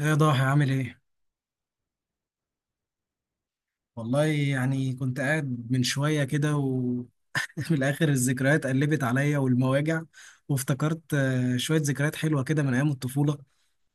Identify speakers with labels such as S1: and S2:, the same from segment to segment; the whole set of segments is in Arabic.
S1: ايه يا ضاحي عامل ايه؟ والله يعني كنت قاعد من شوية كده وفي الآخر الذكريات قلبت عليا والمواجع. وافتكرت شوية ذكريات حلوة كده من أيام الطفولة.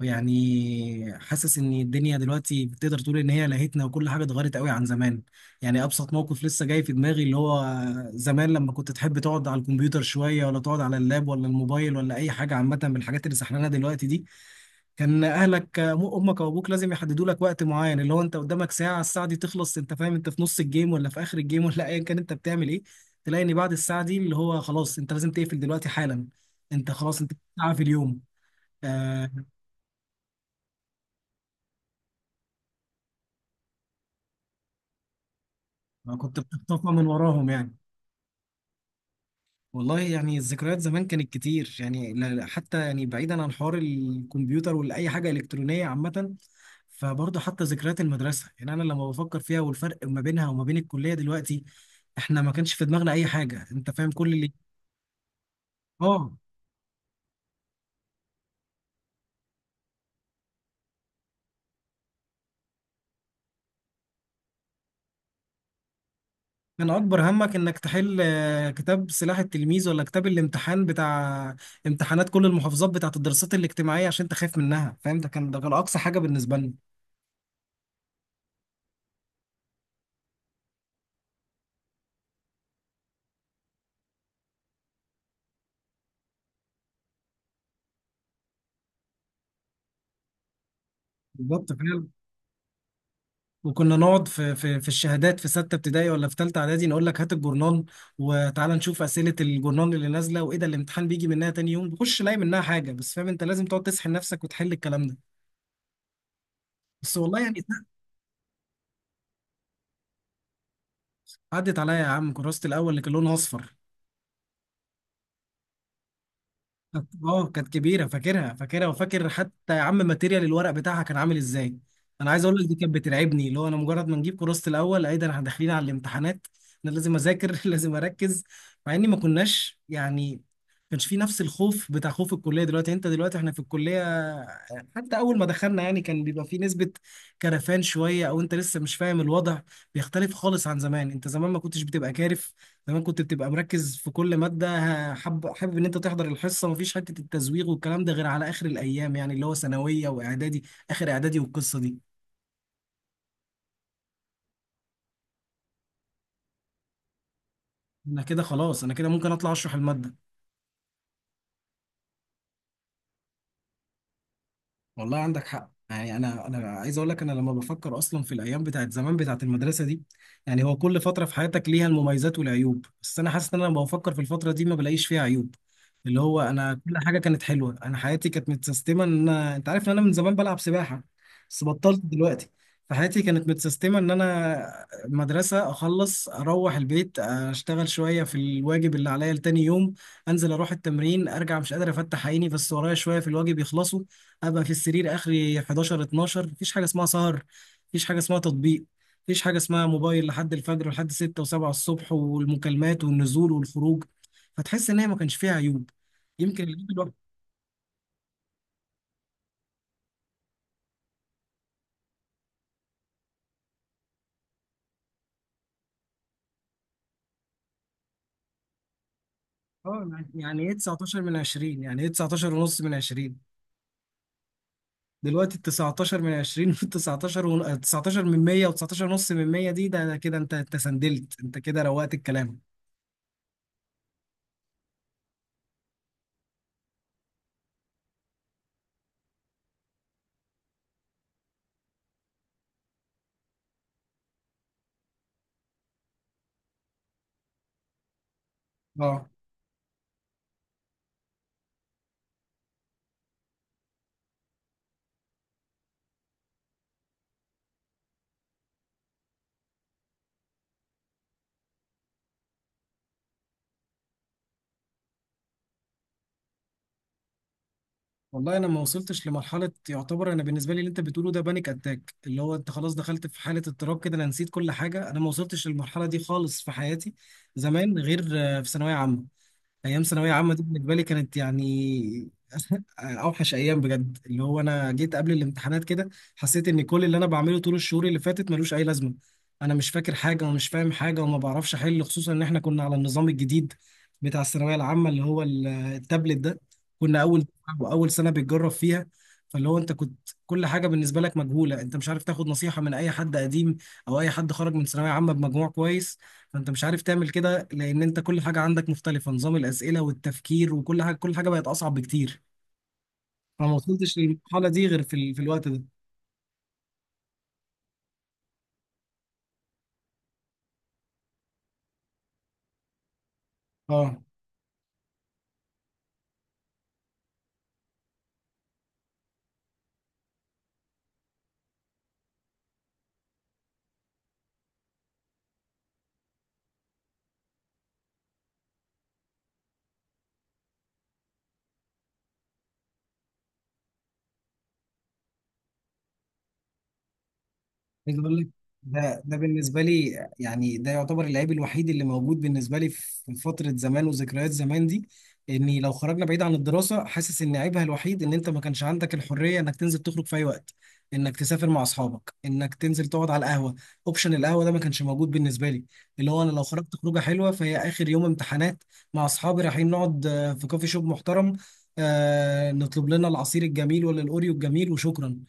S1: يعني حاسس ان الدنيا دلوقتي بتقدر تقول ان هي لهتنا وكل حاجه اتغيرت قوي عن زمان. يعني ابسط موقف لسه جاي في دماغي، اللي هو زمان لما كنت تحب تقعد على الكمبيوتر شويه ولا تقعد على اللاب ولا الموبايل ولا اي حاجه عامه من الحاجات اللي سحلانه دلوقتي دي، كان اهلك امك او ابوك لازم يحددوا لك وقت معين، اللي هو انت قدامك ساعه، الساعه دي تخلص انت فاهم انت في نص الجيم ولا في اخر الجيم ولا ايا كان انت بتعمل ايه. تلاقي ان بعد الساعه دي اللي هو خلاص انت لازم تقفل دلوقتي حالا. انت خلاص انت ساعه في اليوم. آه، أنا كنت بتخطفها من وراهم يعني. والله يعني الذكريات زمان كانت كتير، يعني لا، حتى يعني بعيدا عن حوار الكمبيوتر ولا حاجة إلكترونية عامة، فبرضه حتى ذكريات المدرسة، يعني أنا لما بفكر فيها والفرق ما بينها وما بين الكلية دلوقتي، إحنا ما كانش في دماغنا أي حاجة. أنت فاهم كل اللي آه كان أكبر همك إنك تحل، كتاب سلاح التلميذ ولا كتاب الامتحان بتاع امتحانات كل المحافظات بتاعت الدراسات الاجتماعية عشان أنت خايف منها، فاهم؟ ده كان أقصى حاجة بالنسبة لنا. بالظبط فعلا. وكنا نقعد في الشهادات في ستة ابتدائي ولا في تالتة اعدادي نقول لك هات الجورنال وتعالى نشوف أسئلة الجورنال اللي نازلة، وايه ده الامتحان بيجي منها تاني يوم، بخش الاقي منها حاجة، بس فاهم انت لازم تقعد تسحل نفسك وتحل الكلام ده. بس والله يعني عدت عليا يا عم، كراسة الاول اللي كان لونها اصفر. كانت كبيره، فاكرها فاكرها، وفاكر حتى يا عم ماتيريال الورق بتاعها كان عامل ازاي. انا عايز اقول لك دي كانت بترعبني، اللي هو انا مجرد ما نجيب كراسه الاول ايه ده احنا داخلين على الامتحانات، انا لازم اذاكر لازم اركز. مع اني ما كناش يعني ما كانش في نفس الخوف بتاع خوف الكليه دلوقتي. انت دلوقتي احنا في الكليه حتى اول ما دخلنا يعني كان بيبقى في نسبه كرفان شويه او انت لسه مش فاهم الوضع. بيختلف خالص عن زمان، انت زمان ما كنتش بتبقى كارف. زمان كنت بتبقى مركز في كل مادة، ه- حب حابب ان انت تحضر الحصة، مفيش حتة التزويغ والكلام ده غير على اخر الايام يعني، اللي هو ثانوية واعدادي، اخر اعدادي والقصة دي. انا كده خلاص، انا كده ممكن اطلع اشرح المادة. والله عندك حق. يعني انا عايز اقول لك، انا لما بفكر اصلا في الايام بتاعت زمان بتاعت المدرسه دي، يعني هو كل فتره في حياتك ليها المميزات والعيوب، بس انا حاسس ان انا لما بفكر في الفتره دي ما بلاقيش فيها عيوب. اللي هو انا كل حاجه كانت حلوه، انا حياتي كانت متسيستمه. ان انا انت عارف ان انا من زمان بلعب سباحه، بس بطلت دلوقتي. فحياتي كانت متسيستمه ان انا مدرسه، اخلص اروح البيت، اشتغل شويه في الواجب اللي عليا لتاني يوم، انزل اروح التمرين، ارجع مش قادر افتح عيني بس ورايا شويه في الواجب يخلصوا، ابقى في السرير اخري 11 12، مفيش حاجه اسمها سهر، مفيش حاجه اسمها تطبيق، مفيش حاجه اسمها موبايل لحد الفجر ولحد 6 و7 الصبح والمكالمات والنزول والخروج. فتحس ان هي ما كانش فيها عيوب. يمكن العيب الوحيد، اه يعني، يعني ايه 19 من 20؟ يعني ايه 19 ونص من 20؟ دلوقتي ال 19 من 20 وال 19 19 من 100 و19 ونص من 100 دي، ده كده انت سندلت، انت كده روقت الكلام. اه والله انا ما وصلتش لمرحله يعتبر، انا بالنسبه لي اللي انت بتقوله ده بانيك اتاك، اللي هو انت خلاص دخلت في حاله اضطراب كده، انا نسيت كل حاجه. انا ما وصلتش للمرحله دي خالص في حياتي. زمان غير. في ثانويه عامه، ايام ثانويه عامه دي بالنسبه لي كانت يعني اوحش ايام بجد. اللي هو انا جيت قبل الامتحانات كده، حسيت ان كل اللي انا بعمله طول الشهور اللي فاتت ملوش اي لازمه. انا مش فاكر حاجه ومش فاهم حاجه وما بعرفش احل، خصوصا ان احنا كنا على النظام الجديد بتاع الثانويه العامه، اللي هو التابلت ده، كنا اول واول سنه بتجرب فيها. فاللي هو انت كنت كل حاجه بالنسبه لك مجهوله، انت مش عارف تاخد نصيحه من اي حد قديم او اي حد خرج من ثانويه عامه بمجموع كويس. فانت مش عارف تعمل كده لان انت كل حاجه عندك مختلفه، نظام الاسئله والتفكير وكل حاجه، كل حاجه بقت اصعب بكتير. فما وصلتش للمرحله دي غير في الوقت ده. اه عايز اقول لك ده بالنسبه لي، يعني ده يعتبر اللعيب الوحيد اللي موجود بالنسبه لي في فتره زمان وذكريات زمان دي. اني لو خرجنا بعيد عن الدراسه، حاسس ان عيبها الوحيد ان انت ما كانش عندك الحريه انك تنزل تخرج في اي وقت، انك تسافر مع اصحابك، انك تنزل تقعد على القهوه. اوبشن القهوه ده ما كانش موجود بالنسبه لي. اللي هو انا لو خرجت خروجه حلوه فهي اخر يوم امتحانات مع اصحابي، رايحين نقعد في كوفي شوب محترم، نطلب لنا العصير الجميل ولا الاوريو الجميل وشكرا.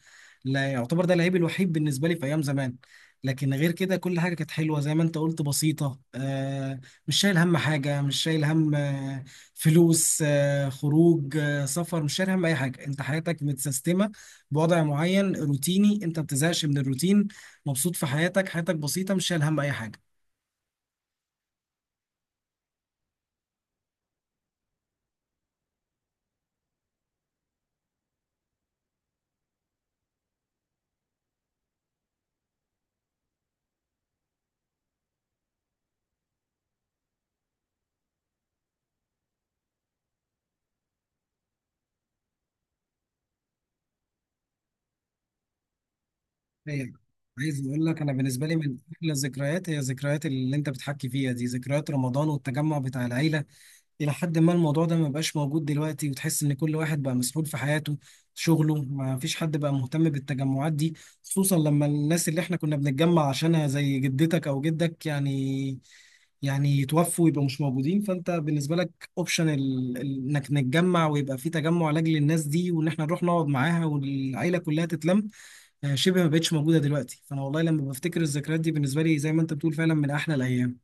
S1: لا يعتبر ده العيب الوحيد بالنسبه لي في ايام زمان. لكن غير كده كل حاجه كانت حلوه زي ما انت قلت، بسيطه، مش شايل هم حاجه، مش شايل هم فلوس، خروج، سفر، مش شايل هم اي حاجه، انت حياتك متسيستمه بوضع معين روتيني، انت ما بتزهقش من الروتين، مبسوط في حياتك، حياتك بسيطه، مش شايل هم اي حاجه. هي. عايز اقول لك انا بالنسبه لي من احلى الذكريات هي ذكريات اللي انت بتحكي فيها دي، ذكريات رمضان والتجمع بتاع العيله. إلى حد ما الموضوع ده ما بقاش موجود دلوقتي، وتحس إن كل واحد بقى مسحول في حياته شغله، ما فيش حد بقى مهتم بالتجمعات دي. خصوصا لما الناس اللي إحنا كنا بنتجمع عشانها زي جدتك أو جدك، يعني يعني يتوفوا ويبقوا مش موجودين، فأنت بالنسبة لك أوبشن إنك نتجمع ويبقى في تجمع لأجل الناس دي، وإن إحنا نروح نقعد معاها والعيلة كلها تتلم، شبه ما بقتش موجودة دلوقتي. فأنا والله لما بفتكر الذكريات دي بالنسبة لي زي ما أنت بتقول، فعلا من أحلى الأيام.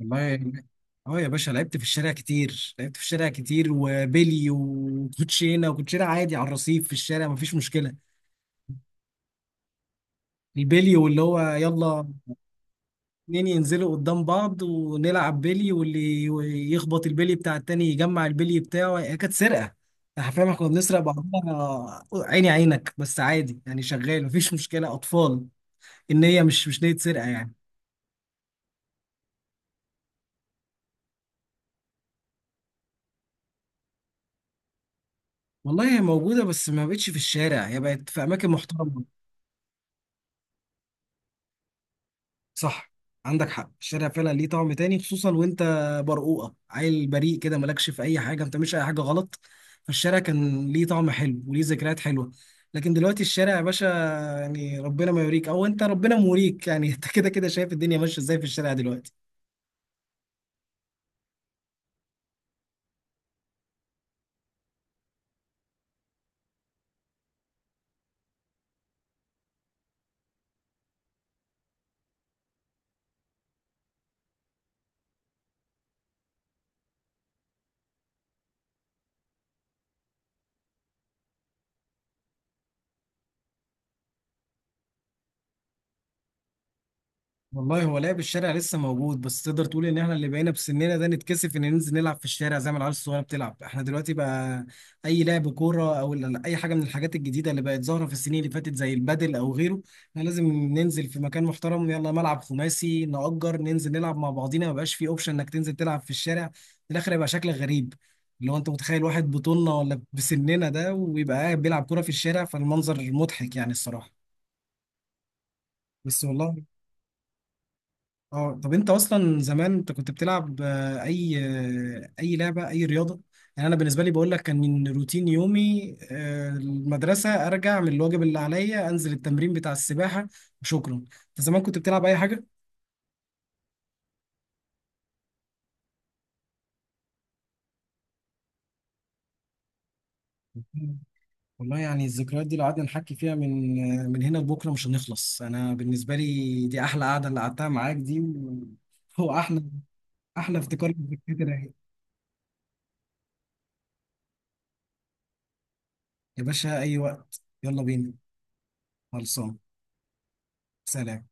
S1: والله اه يا باشا، لعبت في الشارع كتير، لعبت في الشارع كتير، وبيلي وكوتشينه وكوتشينه عادي على الرصيف في الشارع، مفيش مشكلة. البيلي، واللي هو يلا اتنين ينزلوا قدام بعض ونلعب بيلي، واللي يخبط البيلي بتاع التاني يجمع البيلي بتاعه. هي كانت سرقة حرفيا، احنا كنا بنسرق بعضنا عيني عينك، بس عادي يعني شغال مفيش مشكلة، أطفال، إن هي مش نية سرقة يعني. والله هي موجودة بس ما بقتش في الشارع، هي بقت في أماكن محترمة. صح، عندك حق، الشارع فعلا ليه طعم تاني، خصوصا وانت برقوقه، عيل بريء كده مالكش في اي حاجه ما بتعملش اي حاجه غلط، فالشارع كان ليه طعم حلو وليه ذكريات حلوه. لكن دلوقتي الشارع يا باشا، يعني ربنا ما يوريك او انت ربنا موريك يعني انت كده كده شايف الدنيا ماشيه ازاي في الشارع دلوقتي. والله هو لعب الشارع لسه موجود بس تقدر تقول ان احنا اللي بقينا بسننا ده نتكسف ان ننزل نلعب في الشارع زي ما العيال الصغيره بتلعب. احنا دلوقتي بقى اي لعب كوره او اي حاجه من الحاجات الجديده اللي بقت ظاهره في السنين اللي فاتت زي البادل او غيره، احنا لازم ننزل في مكان محترم، يلا ملعب خماسي نأجر ننزل نلعب مع بعضينا. ما بقاش في اوبشن انك تنزل تلعب في الشارع، في الاخر هيبقى شكلك غريب. اللي هو انت متخيل واحد بطولنا ولا بسننا ده ويبقى قاعد بيلعب كوره في الشارع؟ فالمنظر مضحك يعني الصراحه. بس والله. اه طب انت اصلا زمان انت كنت بتلعب اي لعبه اي رياضه؟ يعني انا بالنسبه لي بقول لك كان روتين يومي، المدرسه ارجع من الواجب اللي عليا انزل التمرين بتاع السباحه وشكرا. انت زمان كنت بتلعب اي حاجه؟ مم. والله يعني الذكريات دي لو قعدنا نحكي فيها من هنا لبكره مش هنخلص. انا بالنسبه لي دي احلى قعده اللي قعدتها معاك دي هو احلى افتكار للذكريات الرايقة. يا باشا اي وقت، يلا بينا. خلصان. سلام.